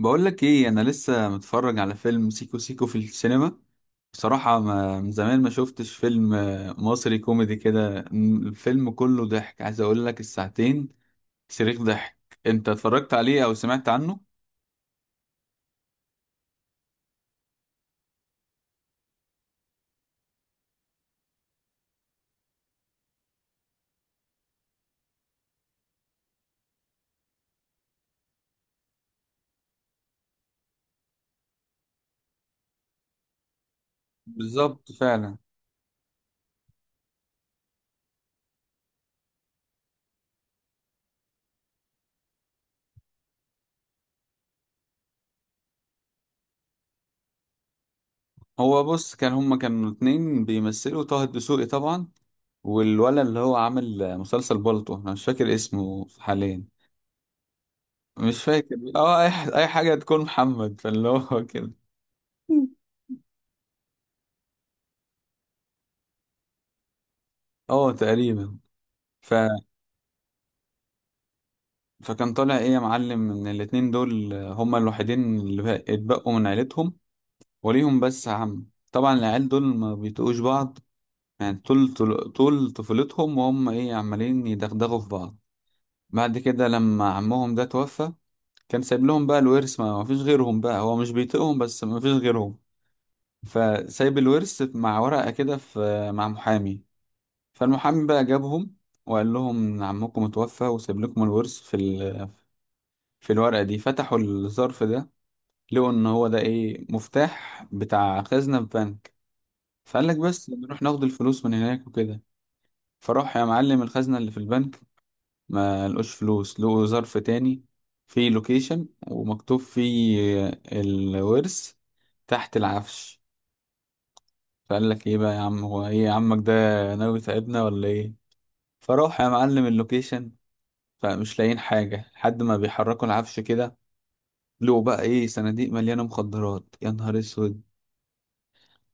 بقول لك ايه، انا لسه متفرج على فيلم سيكو سيكو في السينما. بصراحة ما من زمان ما شفتش فيلم مصري كوميدي كده، الفيلم كله ضحك، عايز اقول لك الساعتين صريخ ضحك. انت اتفرجت عليه او سمعت عنه؟ بالظبط فعلا. هو بص، كان هما كانوا اتنين بيمثلوا، طه الدسوقي طبعا، والولد اللي هو عامل مسلسل بالطو، انا مش فاكر اسمه حاليا. مش فاكر، اه اي أي حاجة تكون محمد، فاللي هو كده. اه تقريبا. فكان طالع ايه يا معلم ان الاتنين دول هما الوحيدين اللي اتبقوا من عيلتهم، وليهم بس عم. طبعا العيال دول ما بيطيقوش بعض، يعني طول طفولتهم وهم ايه عمالين يدغدغوا في بعض. بعد كده لما عمهم ده توفى، كان سايب لهم بقى الورث، ما فيش غيرهم، بقى هو مش بيطيقهم بس ما فيش غيرهم. فسايب الورث مع ورقة كده، في مع محامي. فالمحامي بقى جابهم وقال لهم إن عمكم اتوفى وسايب لكم الورث في ال... في الورقة دي. فتحوا الظرف ده، لقوا ان هو ده ايه، مفتاح بتاع خزنة في بنك. فقال لك بس بنروح ناخد الفلوس من هناك وكده. فراح يا معلم الخزنة اللي في البنك، ما لقوش فلوس، لقوا ظرف تاني، فيه لوكيشن ومكتوب فيه الورث تحت العفش. فقال لك ايه بقى يا عم، هو ايه عمك ده ناوي يتعبنا ولا ايه؟ فراح يا معلم اللوكيشن، فمش لاقيين حاجة، لحد ما بيحركوا العفش كده، لقوا بقى ايه، صناديق مليانة مخدرات، يا نهار اسود.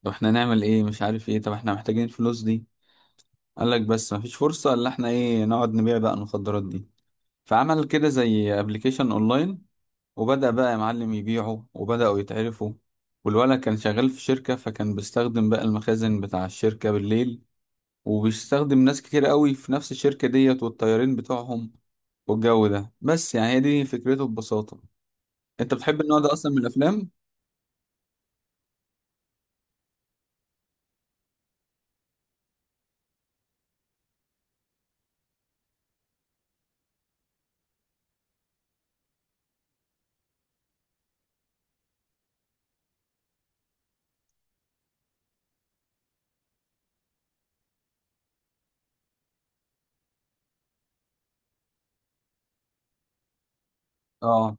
طب احنا نعمل ايه؟ مش عارف ايه، طب احنا محتاجين الفلوس دي. قال لك بس مفيش فرصة الا احنا ايه، نقعد نبيع بقى المخدرات دي. فعمل كده زي ابلكيشن اونلاين، وبدأ بقى يا معلم يبيعه، وبدأوا يتعرفوا. والولد كان شغال في شركة، فكان بيستخدم بقى المخازن بتاع الشركة بالليل، وبيستخدم ناس كتير قوي في نفس الشركة ديت والطيارين بتوعهم والجو ده. بس يعني هي دي فكرته ببساطة. انت بتحب النوع ده اصلا من الافلام؟ اه.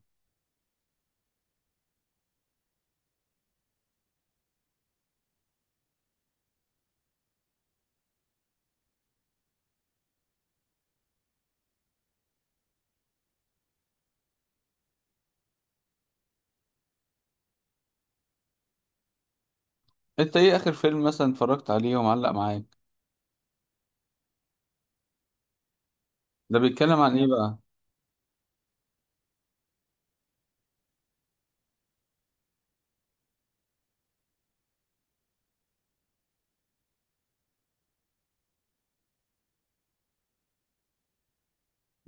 انت ايه اخر فيلم مثلا اتفرجت عليه ومعلق معاك؟ ده بيتكلم عن ايه بقى؟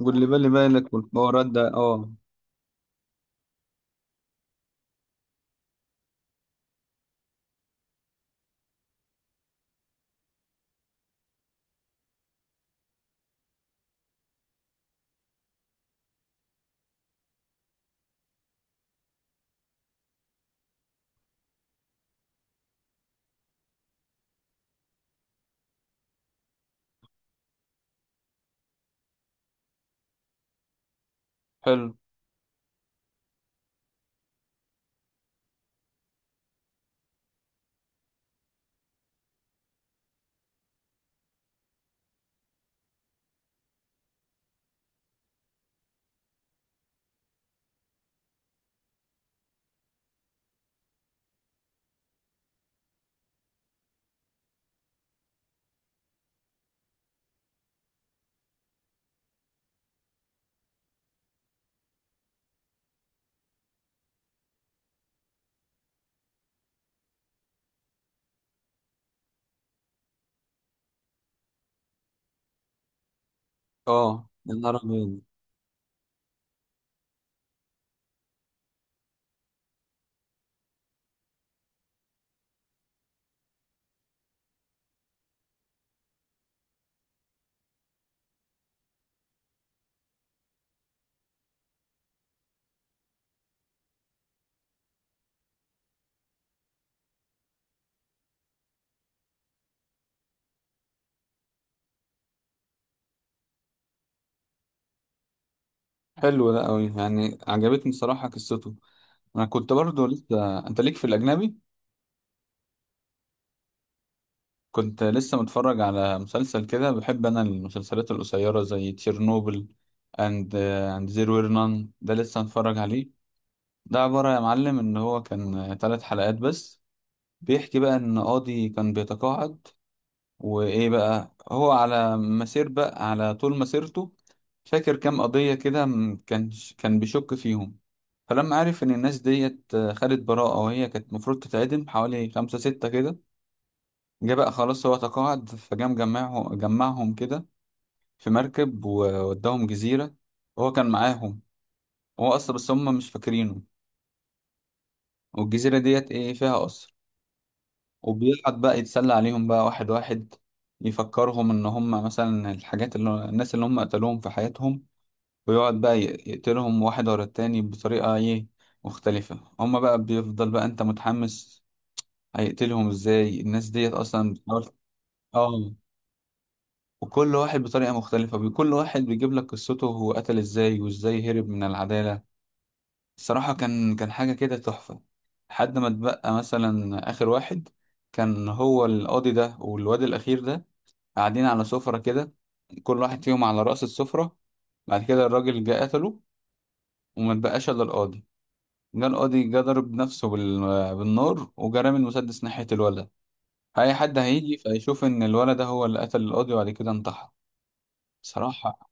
واللي بالي بالك والحوارات ده اه. حلو. اه يا نهار أبيض. حلو ده أوي، يعني عجبتني صراحة قصته. أنا كنت برضو لسه، أنت ليك في الأجنبي؟ كنت لسه متفرج على مسلسل كده، بحب أنا المسلسلات القصيرة زي تشيرنوبل، أند أند زيرو وير نان، ده لسه متفرج عليه. ده عبارة يا معلم إن هو كان تلات حلقات بس، بيحكي بقى إن قاضي كان بيتقاعد، وايه بقى، هو على مسير بقى على طول مسيرته فاكر كام قضية كده، كان كان بيشك فيهم. فلما عرف ان الناس ديت خدت براءة وهي كانت المفروض تتعدم، حوالي خمسة ستة كده، جه بقى خلاص هو تقاعد، جمعهم كده في مركب ووداهم جزيرة، وهو كان معاهم، هو أصلا، بس هم مش فاكرينه. والجزيرة ديت ايه فيها قصر، وبيقعد بقى يتسلى عليهم بقى واحد واحد، يفكرهم ان هم مثلا الحاجات اللي الناس اللي هم قتلوهم في حياتهم، ويقعد بقى يقتلهم واحد ورا التاني بطريقة ايه مختلفة. هم بقى بيفضل بقى انت متحمس هيقتلهم ازاي، الناس ديت اصلا بتحاول. اه. وكل واحد بطريقة مختلفة كل واحد بيجيب لك قصته هو قتل ازاي وازاي هرب من العدالة. الصراحة كان حاجة كده تحفة. لحد ما اتبقى مثلا آخر واحد، كان هو القاضي ده والواد الأخير ده، قاعدين على سفرة كده، كل واحد فيهم على رأس السفرة. بعد كده الراجل جه قتله، وما اتبقاش إلا القاضي. جه القاضي جه ضرب نفسه بال... بالنار، وجه رامي المسدس ناحية الولد، فأي حد هيجي فيشوف إن الولد ده هو اللي قتل القاضي وبعد كده انتحر. بصراحة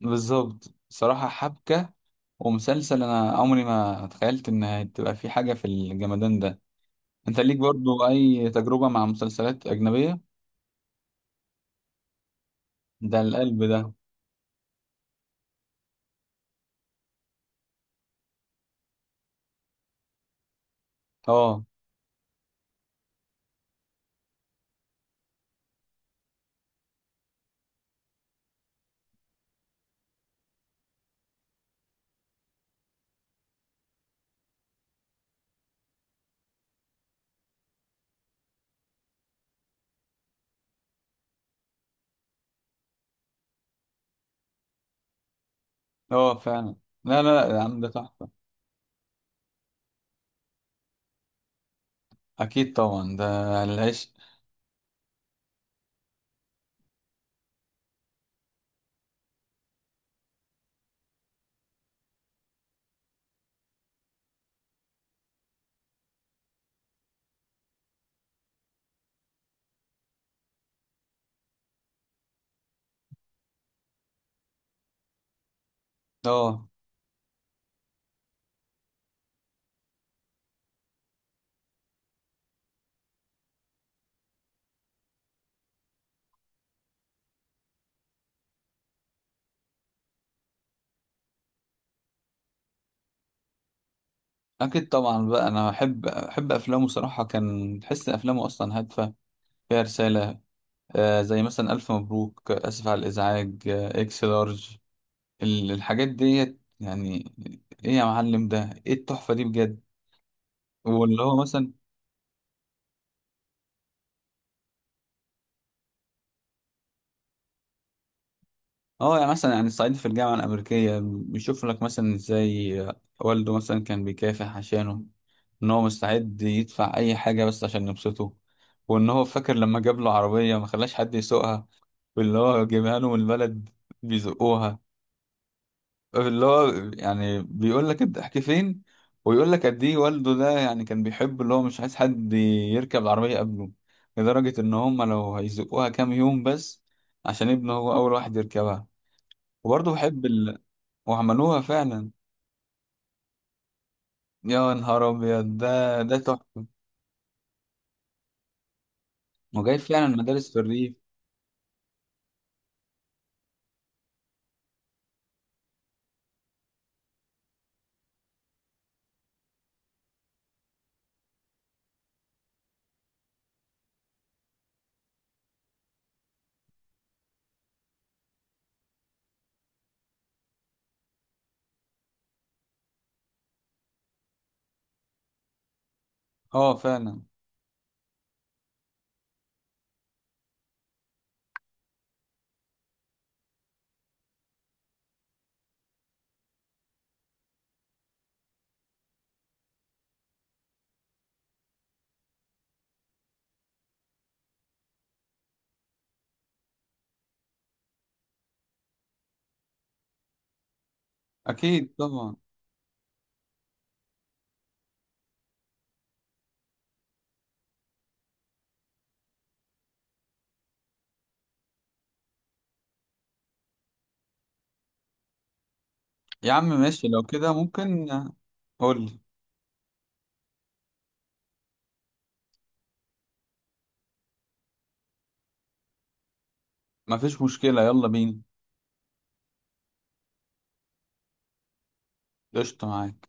بالظبط. بصراحة حبكة ومسلسل، أنا عمري ما تخيلت إن هتبقى في حاجة في الجمدان ده. أنت ليك برضو أي تجربة مع مسلسلات أجنبية؟ ده القلب ده. اه. اه فعلا. لا لا لا يا عم، ده تحفة. اكيد طبعا ده العشق. اه اكيد طبعا بقى، انا احب افلامه صراحه، كان تحس ان افلامه اصلا هادفه فيها رساله. آه زي مثلا الف مبروك، اسف على الازعاج، آه اكس لارج، ال- الحاجات ديت يعني. ايه يا معلم ده، ايه التحفه دي بجد. واللي هو مثلا اه، يعني مثلا يعني الصعيدي في الجامعة الأمريكية، بيشوف لك مثلا ازاي والده مثلا كان بيكافح عشانه، ان هو مستعد يدفع اي حاجة بس عشان يبسطه. وان هو فاكر لما جاب له عربية ما خلاش حد يسوقها، واللي هو جايبها له من البلد بيزقوها. اللي هو يعني بيقول لك الضحك فين، ويقول لك قد ايه والده ده، يعني كان بيحب اللي هو مش عايز حد يركب العربية قبله، لدرجة ان هم لو هيزقوها كام يوم بس، عشان ابنه هو اول واحد يركبها. وبرضه بحب ال، وعملوها فعلا. يا نهار ابيض ده، ده تحفه، وجايب فعلا مدارس في الريف. اه فعلا. اكيد طبعا. يا عم ماشي لو كده ممكن. قول لي. مفيش مشكله، يلا بينا. قشطه معاك.